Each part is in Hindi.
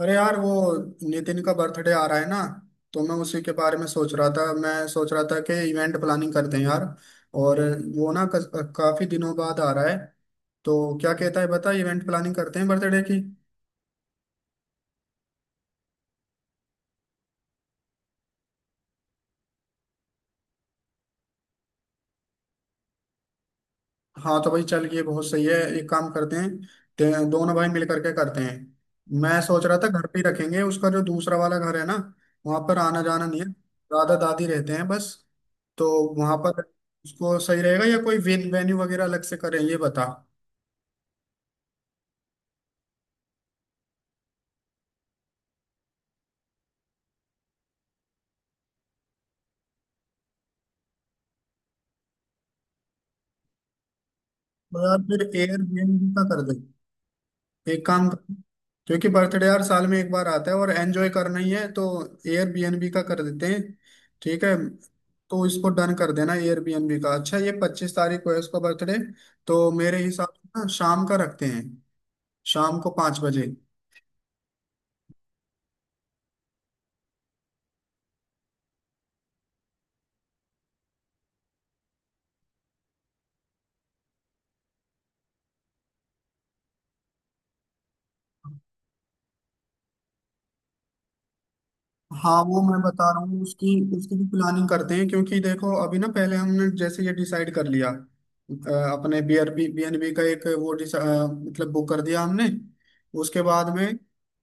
अरे यार, वो नितिन का बर्थडे आ रहा है ना, तो मैं उसी के बारे में सोच रहा था मैं सोच रहा था कि इवेंट प्लानिंग करते हैं यार। और वो ना काफी दिनों बाद आ रहा है, तो क्या कहता है बता, इवेंट प्लानिंग करते हैं बर्थडे की। हाँ तो भाई चल, ये बहुत सही है, एक काम करते हैं, दोनों भाई मिल करके करते हैं। मैं सोच रहा था घर पे ही रखेंगे, उसका जो दूसरा वाला घर है ना, वहां पर आना जाना नहीं है, दादा दादी रहते हैं बस। तो वहां पर उसको सही रहेगा या कोई वेन्यू वगैरह अलग से करें, ये बता। तो यार फिर एयरबीएनबी का कर दे, एक काम कर, क्योंकि बर्थडे यार साल में एक बार आता है और एंजॉय करना ही है, तो एयरबीएनबी का कर देते हैं। ठीक है, तो इसको डन कर देना एयरबीएनबी का। अच्छा ये 25 तारीख को है उसका बर्थडे, तो मेरे हिसाब से ना शाम का रखते हैं, शाम को 5 बजे। हाँ वो मैं बता रहा हूँ, उसकी उसकी भी प्लानिंग करते हैं, क्योंकि देखो अभी ना पहले हमने जैसे ये डिसाइड कर लिया अपने बी एन बी का एक वो मतलब बुक कर दिया हमने उसके बाद में।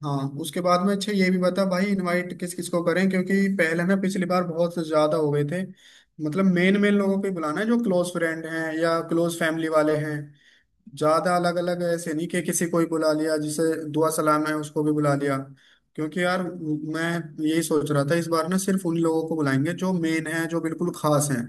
हाँ, उसके बाद में अच्छा ये भी बता भाई, इनवाइट किस किस को करें, क्योंकि पहले ना पिछली बार बहुत ज्यादा हो गए थे। मतलब मेन मेन लोगों को ही बुलाना है, जो क्लोज फ्रेंड हैं या क्लोज फैमिली वाले हैं, ज्यादा अलग अलग ऐसे नहीं कि किसी को ही बुला लिया, जिसे दुआ सलाम है उसको भी बुला लिया। क्योंकि यार मैं यही सोच रहा था, इस बार ना सिर्फ उन लोगों को बुलाएंगे जो मेन है, जो बिल्कुल खास हैं।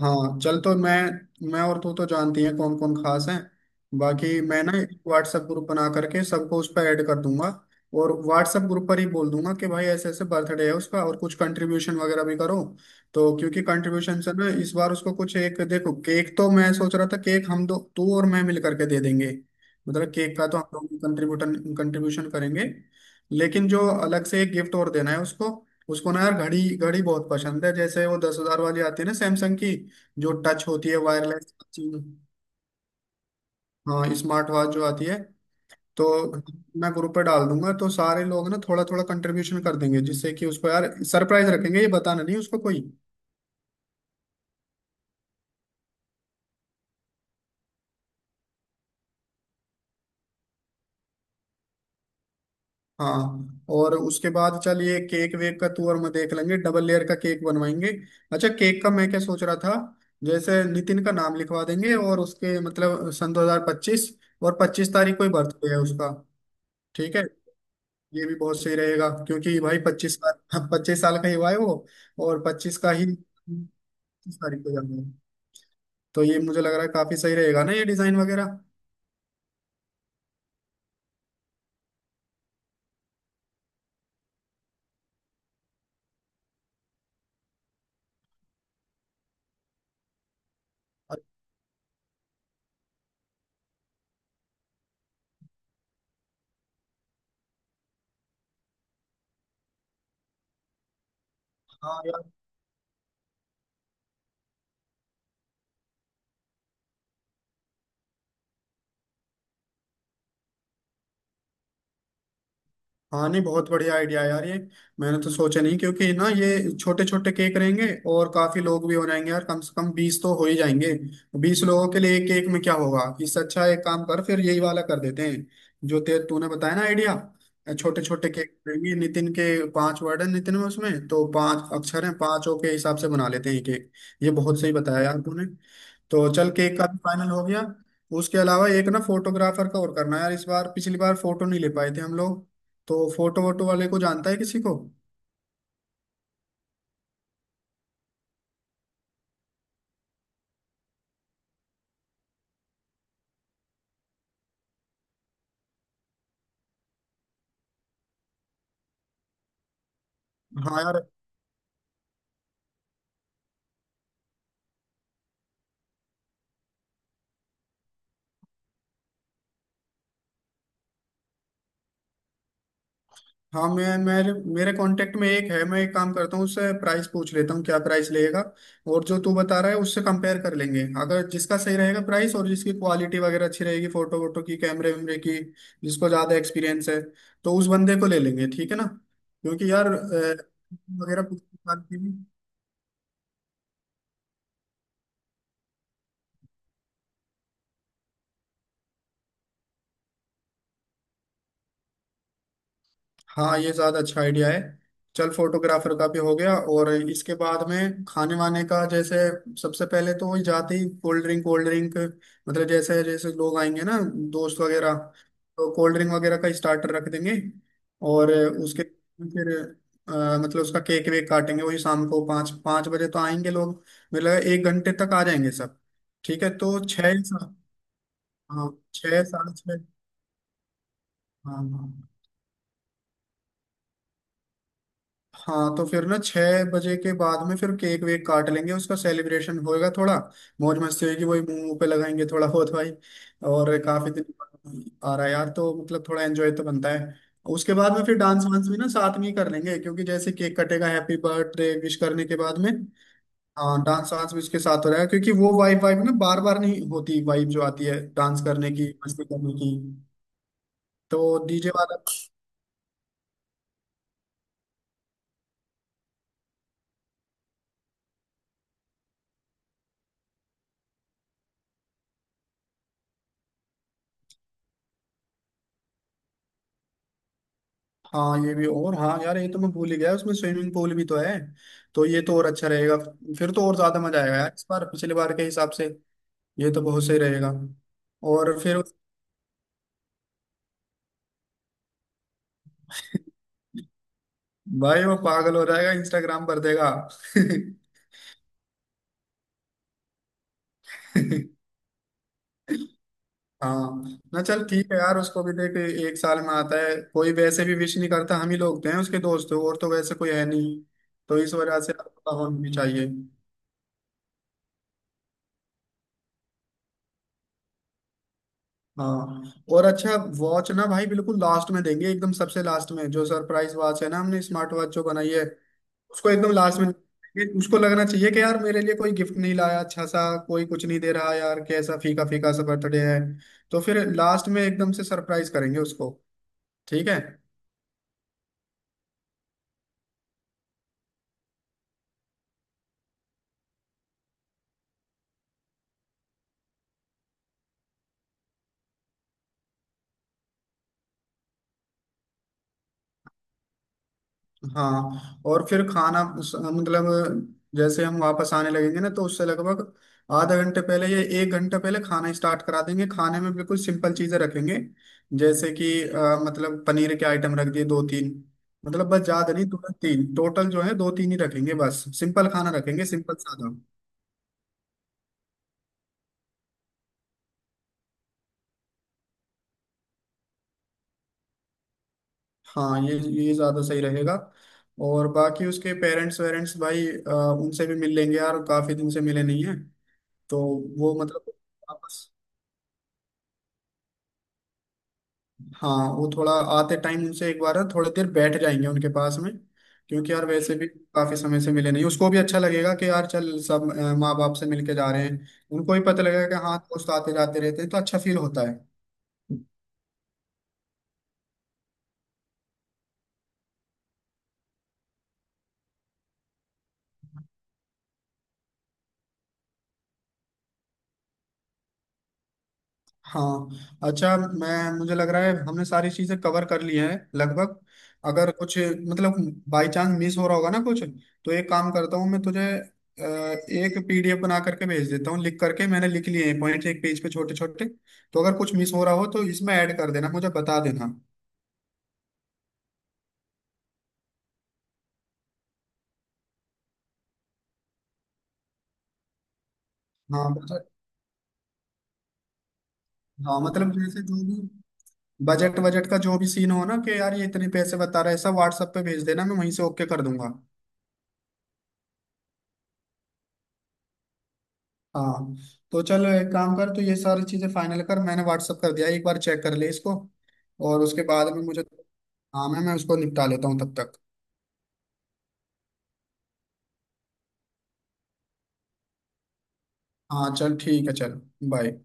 हाँ चल, तो मैं और तू तो जानती हैं कौन कौन खास हैं, बाकी मैं ना एक व्हाट्सएप ग्रुप बना करके सबको उस पर ऐड कर दूंगा, और व्हाट्सएप ग्रुप पर ही बोल दूंगा कि भाई ऐसे ऐसे बर्थडे है उसका, और कुछ कंट्रीब्यूशन वगैरह भी करो। तो क्योंकि कंट्रीब्यूशन से ना इस बार उसको कुछ, एक देखो, केक तो मैं सोच रहा था, केक हम दो, तू और मैं मिल करके दे देंगे, मतलब केक का तो हम लोग कंट्रीब्यूटन कंट्रीब्यूशन करेंगे। लेकिन जो अलग से एक गिफ्ट और देना है उसको, उसको ना यार घड़ी, घड़ी बहुत पसंद है, जैसे वो 10 हजार वाली आती है ना सैमसंग की, जो टच होती है, वायरलेस। हाँ स्मार्ट वॉच जो आती है। तो मैं ग्रुप पे डाल दूंगा, तो सारे लोग ना थोड़ा थोड़ा कंट्रीब्यूशन कर देंगे, जिससे कि उसको यार सरप्राइज रखेंगे, ये बताना नहीं उसको कोई। हाँ और उसके बाद चल, ये केक वेक का तू और मैं देख लेंगे, डबल लेयर का केक बनवाएंगे। अच्छा केक का मैं क्या सोच रहा था, जैसे नितिन का नाम लिखवा देंगे और उसके मतलब सन 2025, और 25 तारीख को ही बर्थडे है उसका। ठीक है, ये भी बहुत सही रहेगा, क्योंकि भाई 25 साल, हाँ, 25 साल का ही हुआ है वो, और पच्चीस का ही 25 तारीख को जाना है। तो ये मुझे लग रहा है काफी सही रहेगा ना, ये डिजाइन वगैरह। और हाँ हाँ, नहीं बहुत बढ़िया आइडिया यार ये, मैंने तो सोचा नहीं क्योंकि ना, ये छोटे छोटे केक रहेंगे और काफी लोग भी हो जाएंगे यार, कम से कम 20 तो हो ही जाएंगे, 20 लोगों के लिए एक केक में क्या होगा। इससे अच्छा एक काम कर, फिर यही वाला कर देते हैं जो ते तूने बताया ना आइडिया, छोटे छोटे केक रहेंगे नितिन के, पांच वर्ड है नितिन में, उसमें तो पांच अक्षर हैं, पांचों के हिसाब से बना लेते हैं केक। ये बहुत सही बताया यार तूने। तो चल केक का भी फाइनल हो गया। उसके अलावा एक ना फोटोग्राफर का और करना है यार इस बार, पिछली बार फोटो नहीं ले पाए थे हम लोग, तो फोटो वोटो वाले को जानता है किसी को? हाँ यार, हाँ, मैं मेरे मेरे कांटेक्ट में एक है। मैं एक काम करता हूँ, उससे प्राइस पूछ लेता हूँ, क्या प्राइस लगेगा, और जो तू बता रहा है उससे कंपेयर कर लेंगे, अगर जिसका सही रहेगा प्राइस और जिसकी क्वालिटी वगैरह अच्छी रहेगी फोटो वोटो की, कैमरे वैमरे की, जिसको ज़्यादा एक्सपीरियंस है तो उस बंदे को ले लेंगे, ठीक है ना। क्योंकि यार वगैरह पूछ- हाँ, ये ज्यादा अच्छा आइडिया है। चल फोटोग्राफर का भी हो गया, और इसके बाद में खाने वाने का, जैसे सबसे पहले तो वही जाते ही कोल्ड ड्रिंक, मतलब जैसे जैसे लोग आएंगे ना, दोस्त वगैरह, तो कोल्ड ड्रिंक वगैरह का स्टार्टर रख देंगे, और उसके फिर मतलब उसका केक वेक काटेंगे, वही शाम को पाँच पाँच बजे तो आएंगे लोग, मेरे लगा एक घंटे तक आ जाएंगे सब। ठीक है, तो हाँ, छः साढ़े छः, हाँ हाँ। हाँ तो फिर ना 6 बजे के बाद में फिर केक वेक काट लेंगे, उसका सेलिब्रेशन होएगा थोड़ा, मौज मस्ती होगी, वही मुंह मुंह पे लगाएंगे थोड़ा बहुत भाई, और काफी दिन बाद आ रहा है यार, तो मतलब थोड़ा एंजॉय तो बनता है। उसके बाद में फिर डांस वांस भी ना साथ में ही कर लेंगे, क्योंकि जैसे केक कटेगा हैप्पी बर्थडे विश करने के बाद में। हाँ डांस वांस भी उसके साथ हो रहा है, क्योंकि वो वाइब वाइब ना बार बार नहीं होती, वाइब जो आती है डांस करने की, मस्ती करने की, तो डीजे वाला। हाँ ये भी, और हाँ यार ये तो मैं भूल ही गया, उसमें स्विमिंग पूल भी तो है, तो ये तो और अच्छा रहेगा, फिर तो और ज्यादा मजा आएगा यार इस बार पिछली बार के हिसाब से, ये तो बहुत सही रहेगा। और फिर भाई वो पागल हो जाएगा, इंस्टाग्राम पर देगा। हाँ ना, चल ठीक है यार, उसको भी देख, एक साल में आता है, कोई वैसे भी विश नहीं करता, हम ही लोग थे उसके दोस्त, और तो वैसे कोई है नहीं, तो इस वजह से होना भी चाहिए। हाँ और अच्छा वॉच ना भाई बिल्कुल लास्ट में देंगे, एकदम सबसे लास्ट में, जो सरप्राइज वॉच है ना हमने स्मार्ट वॉच जो बनाई है, उसको एकदम लास्ट में देंगे। उसको लगना चाहिए कि यार मेरे लिए कोई गिफ्ट नहीं लाया अच्छा सा, कोई कुछ नहीं दे रहा यार, कैसा फीका फीका सा बर्थडे है, तो फिर लास्ट में एकदम से सरप्राइज करेंगे उसको। ठीक है। हाँ और फिर मतलब जैसे हम वापस आने लगेंगे ना, तो उससे लगभग आधा घंटे पहले या एक घंटा पहले खाना स्टार्ट करा देंगे, खाने में बिल्कुल सिंपल चीजें रखेंगे, जैसे कि मतलब पनीर के आइटम रख दिए दो तीन, मतलब बस ज्यादा नहीं, दो तीन टोटल जो है, दो तीन ही रखेंगे, बस सिंपल खाना रखेंगे, सिंपल सादा। हाँ ये ज्यादा सही रहेगा। और बाकी उसके पेरेंट्स वेरेंट्स भाई उनसे भी मिल लेंगे यार, काफी दिन से मिले नहीं है, तो वो मतलब वापस हाँ वो थोड़ा आते टाइम उनसे एक बार थोड़ी देर बैठ जाएंगे उनके पास में, क्योंकि यार वैसे भी काफी समय से मिले नहीं, उसको भी अच्छा लगेगा कि यार चल सब माँ बाप से मिलके जा रहे हैं, उनको भी पता लगेगा कि हाँ दोस्त आते जाते रहते हैं, तो अच्छा फील होता है। हाँ अच्छा, मैं मुझे लग रहा है हमने सारी चीजें कवर कर ली हैं लगभग। अगर कुछ मतलब बाई चांस मिस हो रहा होगा ना कुछ, तो एक काम करता हूँ, मैं तुझे एक पीडीएफ बना करके भेज देता हूँ, लिख करके मैंने लिख लिए हैं पॉइंट, एक पेज पे छोटे छोटे, तो अगर कुछ मिस हो रहा हो तो इसमें ऐड कर देना, मुझे बता देना। हाँ बजट, हाँ मतलब जैसे जो भी बजट बजट का जो भी सीन हो ना, कि यार ये इतने पैसे बता रहा है, सब व्हाट्सएप पे भेज देना, मैं वहीं से ओके कर दूंगा। हाँ तो चल, एक काम कर, तो ये सारी चीजें फाइनल कर, मैंने व्हाट्सअप कर दिया, एक बार चेक कर ले इसको, और उसके बाद में मुझे काम है, मैं उसको निपटा लेता हूँ तब तक। हाँ चल ठीक है, चल बाय।